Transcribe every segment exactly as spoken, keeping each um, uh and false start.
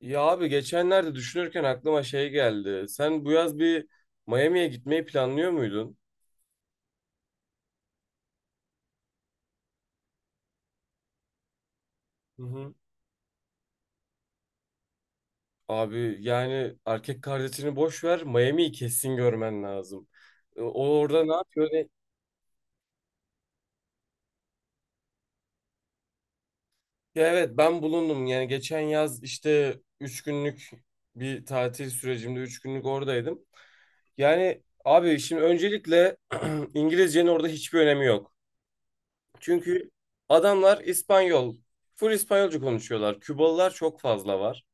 Ya abi geçenlerde düşünürken aklıma şey geldi. Sen bu yaz bir Miami'ye gitmeyi planlıyor muydun? Hı hı. Abi yani erkek kardeşini boş ver, Miami'yi kesin görmen lazım. E, o orada ne yapıyor? ne- Ya evet, ben bulundum yani geçen yaz işte üç günlük bir tatil sürecimde üç günlük oradaydım. Yani abi şimdi öncelikle İngilizcenin orada hiçbir önemi yok. Çünkü adamlar İspanyol, full İspanyolca konuşuyorlar. Kübalılar çok fazla var.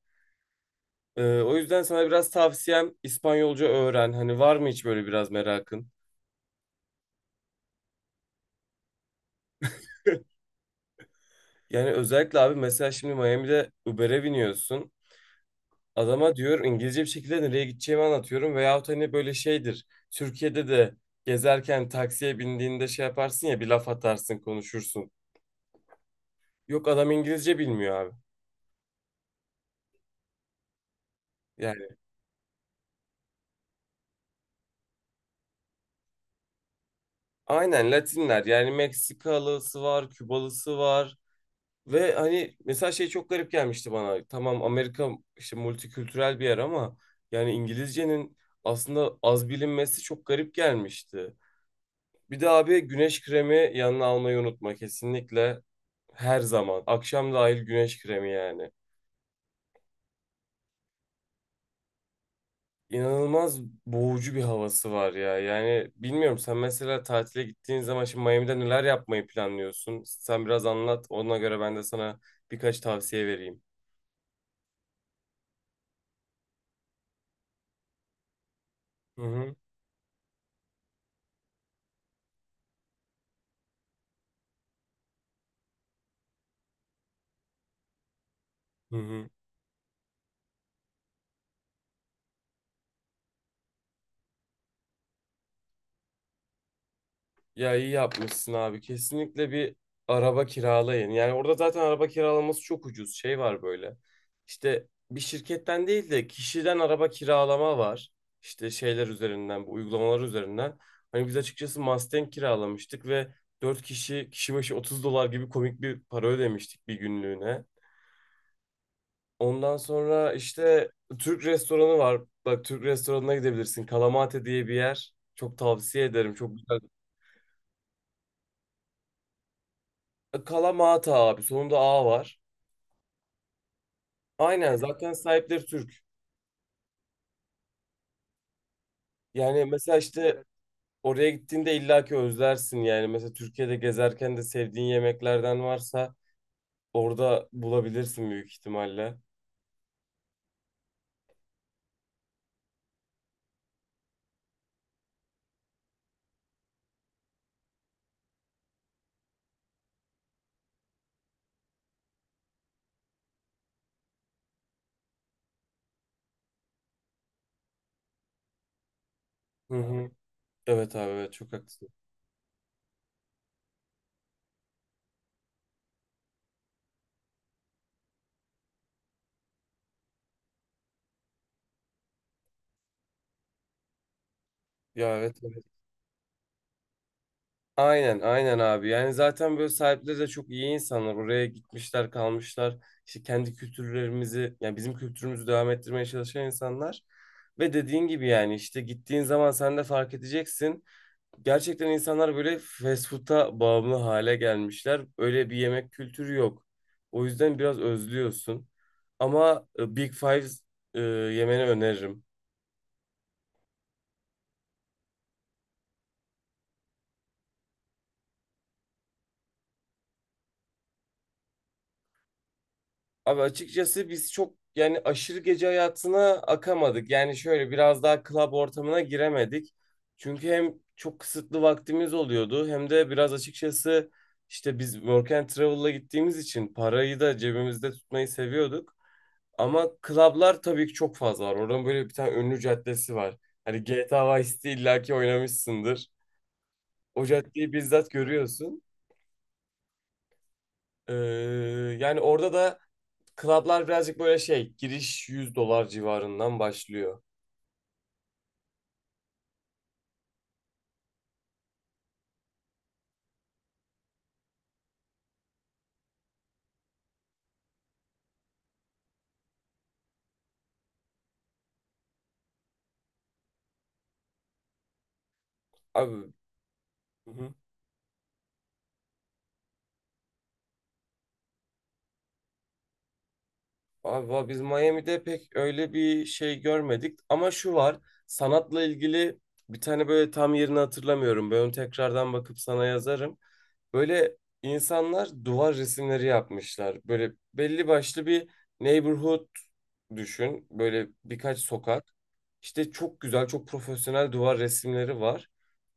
Ee, o yüzden sana biraz tavsiyem İspanyolca öğren. Hani var mı hiç böyle biraz merakın? Yani özellikle abi mesela şimdi Miami'de Uber'e biniyorsun. Adama diyor, İngilizce bir şekilde nereye gideceğimi anlatıyorum. Veyahut hani böyle şeydir. Türkiye'de de gezerken taksiye bindiğinde şey yaparsın ya, bir laf atarsın, konuşursun. Yok, adam İngilizce bilmiyor abi. Yani aynen Latinler, yani Meksikalısı var, Kübalısı var. Ve hani mesela şey çok garip gelmişti bana. Tamam, Amerika işte multikültürel bir yer ama yani İngilizcenin aslında az bilinmesi çok garip gelmişti. Bir de abi güneş kremi yanına almayı unutma kesinlikle. Her zaman. Akşam dahil güneş kremi yani. İnanılmaz boğucu bir havası var ya. Yani bilmiyorum, sen mesela tatile gittiğin zaman şimdi Miami'de neler yapmayı planlıyorsun? Sen biraz anlat. Ona göre ben de sana birkaç tavsiye vereyim. Hı hı. Hı hı. Ya iyi yapmışsın abi. Kesinlikle bir araba kiralayın. Yani orada zaten araba kiralaması çok ucuz. Şey var böyle. İşte bir şirketten değil de kişiden araba kiralama var. İşte şeyler üzerinden, bu uygulamalar üzerinden. Hani biz açıkçası Mustang kiralamıştık ve dört kişi kişi başı otuz dolar gibi komik bir para ödemiştik bir günlüğüne. Ondan sonra işte Türk restoranı var. Bak, Türk restoranına gidebilirsin. Kalamate diye bir yer. Çok tavsiye ederim. Çok güzel. Kalamata abi. Sonunda A var. Aynen, zaten sahipleri Türk. Yani mesela işte oraya gittiğinde illaki özlersin yani. Mesela Türkiye'de gezerken de sevdiğin yemeklerden varsa orada bulabilirsin büyük ihtimalle. Hı hı. Evet abi, evet çok haklısın. Ya evet, evet. Aynen aynen abi. Yani zaten böyle sahipleri de çok iyi insanlar. Oraya gitmişler, kalmışlar. İşte kendi kültürlerimizi, yani bizim kültürümüzü devam ettirmeye çalışan insanlar. Ve dediğin gibi yani işte gittiğin zaman sen de fark edeceksin. Gerçekten insanlar böyle fast food'a bağımlı hale gelmişler. Öyle bir yemek kültürü yok. O yüzden biraz özlüyorsun. Ama e, Big Fives e, yemeni öneririm. Abi açıkçası biz çok yani aşırı gece hayatına akamadık. Yani şöyle biraz daha club ortamına giremedik. Çünkü hem çok kısıtlı vaktimiz oluyordu hem de biraz açıkçası işte biz work and travel'la gittiğimiz için parayı da cebimizde tutmayı seviyorduk. Ama klablar tabii ki çok fazla var. Oradan böyle bir tane ünlü caddesi var. Hani G T A Vice City illaki oynamışsındır. O caddeyi bizzat görüyorsun. Ee, yani orada da klablar birazcık böyle şey, giriş yüz dolar civarından başlıyor. Abi. Hı hı. abi va- biz Miami'de pek öyle bir şey görmedik. Ama şu var, sanatla ilgili bir tane böyle, tam yerini hatırlamıyorum. Ben onu tekrardan bakıp sana yazarım. Böyle insanlar duvar resimleri yapmışlar. Böyle belli başlı bir neighborhood düşün. Böyle birkaç sokak. İşte çok güzel, çok profesyonel duvar resimleri var.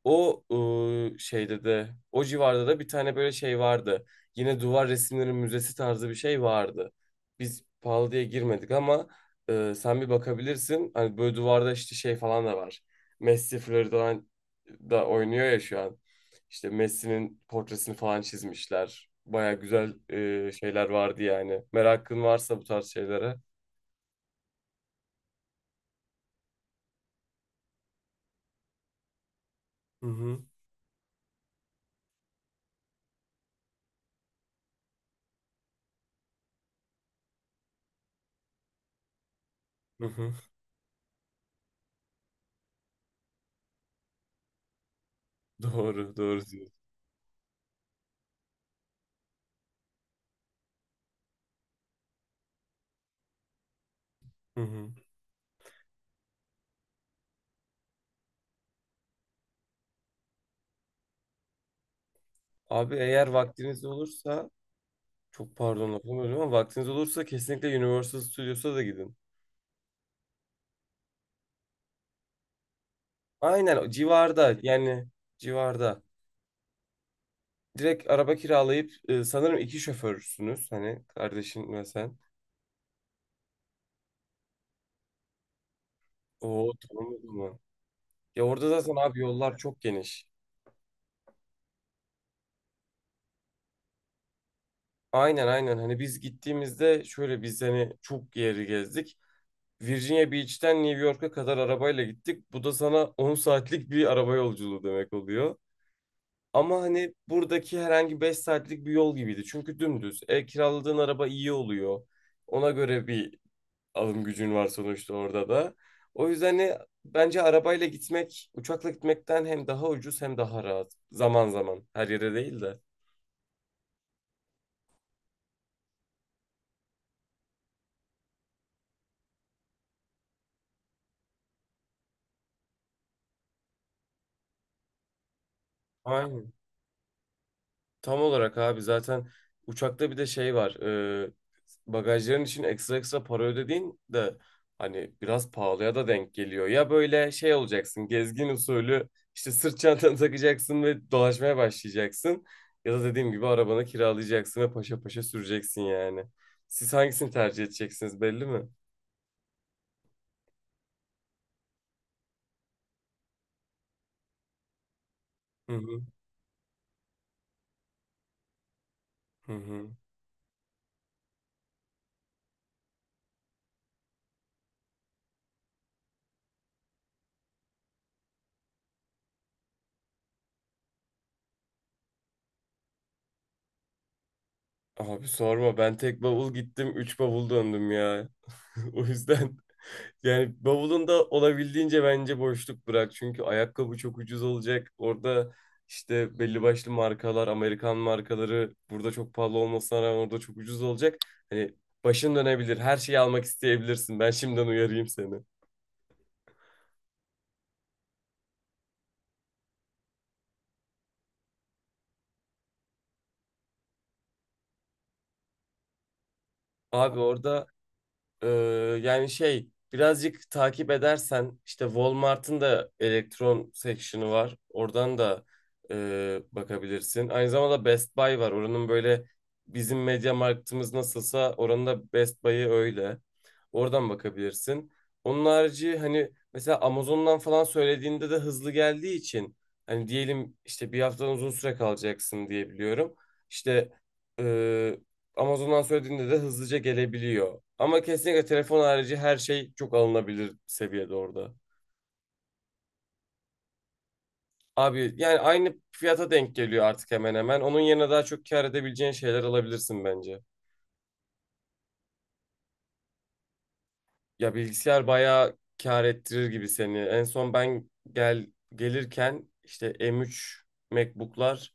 O ıı, şeyde de, o civarda da bir tane böyle şey vardı. Yine duvar resimleri müzesi tarzı bir şey vardı. Biz pahalı diye girmedik ama ıı, sen bir bakabilirsin. Hani böyle duvarda işte şey falan da var. Messi Florida'dan da oynuyor ya şu an. İşte Messi'nin portresini falan çizmişler. Baya güzel e, şeyler vardı yani. Merakın varsa bu tarz şeylere. Hı hı. Hı hı. Doğru, doğru diyorsun. Hı hı. Abi eğer vaktiniz olursa, çok pardon lafımı böldüm, ama vaktiniz olursa kesinlikle Universal Studios'a da gidin. Aynen, o civarda yani, civarda. Direkt araba kiralayıp, e, sanırım iki şoförsünüz hani, kardeşin ve sen. Oo, tamam o zaman. Ya orada zaten abi yollar çok geniş. Aynen aynen, hani biz gittiğimizde şöyle, biz hani çok yeri gezdik. Virginia Beach'ten New York'a kadar arabayla gittik. Bu da sana on saatlik bir araba yolculuğu demek oluyor. Ama hani buradaki herhangi beş saatlik bir yol gibiydi. Çünkü dümdüz. E, kiraladığın araba iyi oluyor. Ona göre bir alım gücün var sonuçta orada da. O yüzden hani bence arabayla gitmek, uçakla gitmekten hem daha ucuz hem daha rahat. Zaman zaman. Her yere değil de. Aynen. Tam olarak abi, zaten uçakta bir de şey var. e, bagajların için ekstra ekstra para ödediğin de hani biraz pahalıya da denk geliyor. Ya böyle şey olacaksın, gezgin usulü işte sırt çantanı takacaksın ve dolaşmaya başlayacaksın. Ya da dediğim gibi arabanı kiralayacaksın ve paşa paşa süreceksin yani. Siz hangisini tercih edeceksiniz, belli mi? Hı hı. Hı hı. Abi sorma, ben tek bavul gittim üç bavul döndüm ya. O yüzden. Yani bavulunda olabildiğince bence boşluk bırak. Çünkü ayakkabı çok ucuz olacak. Orada işte belli başlı markalar, Amerikan markaları burada çok pahalı olmasına rağmen orada çok ucuz olacak. Hani başın dönebilir. Her şeyi almak isteyebilirsin. Ben şimdiden uyarayım seni. Abi orada. Ee, yani şey birazcık takip edersen işte Walmart'ın da elektron section'ı var. Oradan da e, bakabilirsin. Aynı zamanda Best Buy var. Oranın böyle, bizim Media Markt'ımız nasılsa oranın da Best Buy'ı öyle. Oradan bakabilirsin. Onun harici hani mesela Amazon'dan falan söylediğinde de hızlı geldiği için, hani diyelim işte bir haftadan uzun süre kalacaksın diye biliyorum. İşte e, Amazon'dan söylediğinde de hızlıca gelebiliyor. Ama kesinlikle telefon harici her şey çok alınabilir seviyede orada. Abi yani aynı fiyata denk geliyor artık, hemen hemen. Onun yerine daha çok kâr edebileceğin şeyler alabilirsin bence. Ya bilgisayar bayağı kâr ettirir gibi seni. En son ben gel gelirken işte M üç MacBook'lar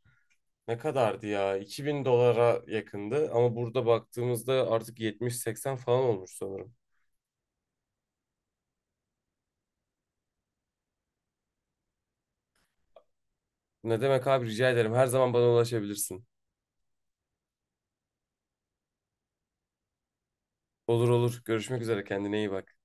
ne kadardı ya? iki bin dolara yakındı ama burada baktığımızda artık yetmiş, seksen falan olmuş sanırım. Ne demek abi, rica ederim. Her zaman bana ulaşabilirsin. Olur olur. Görüşmek üzere. Kendine iyi bak.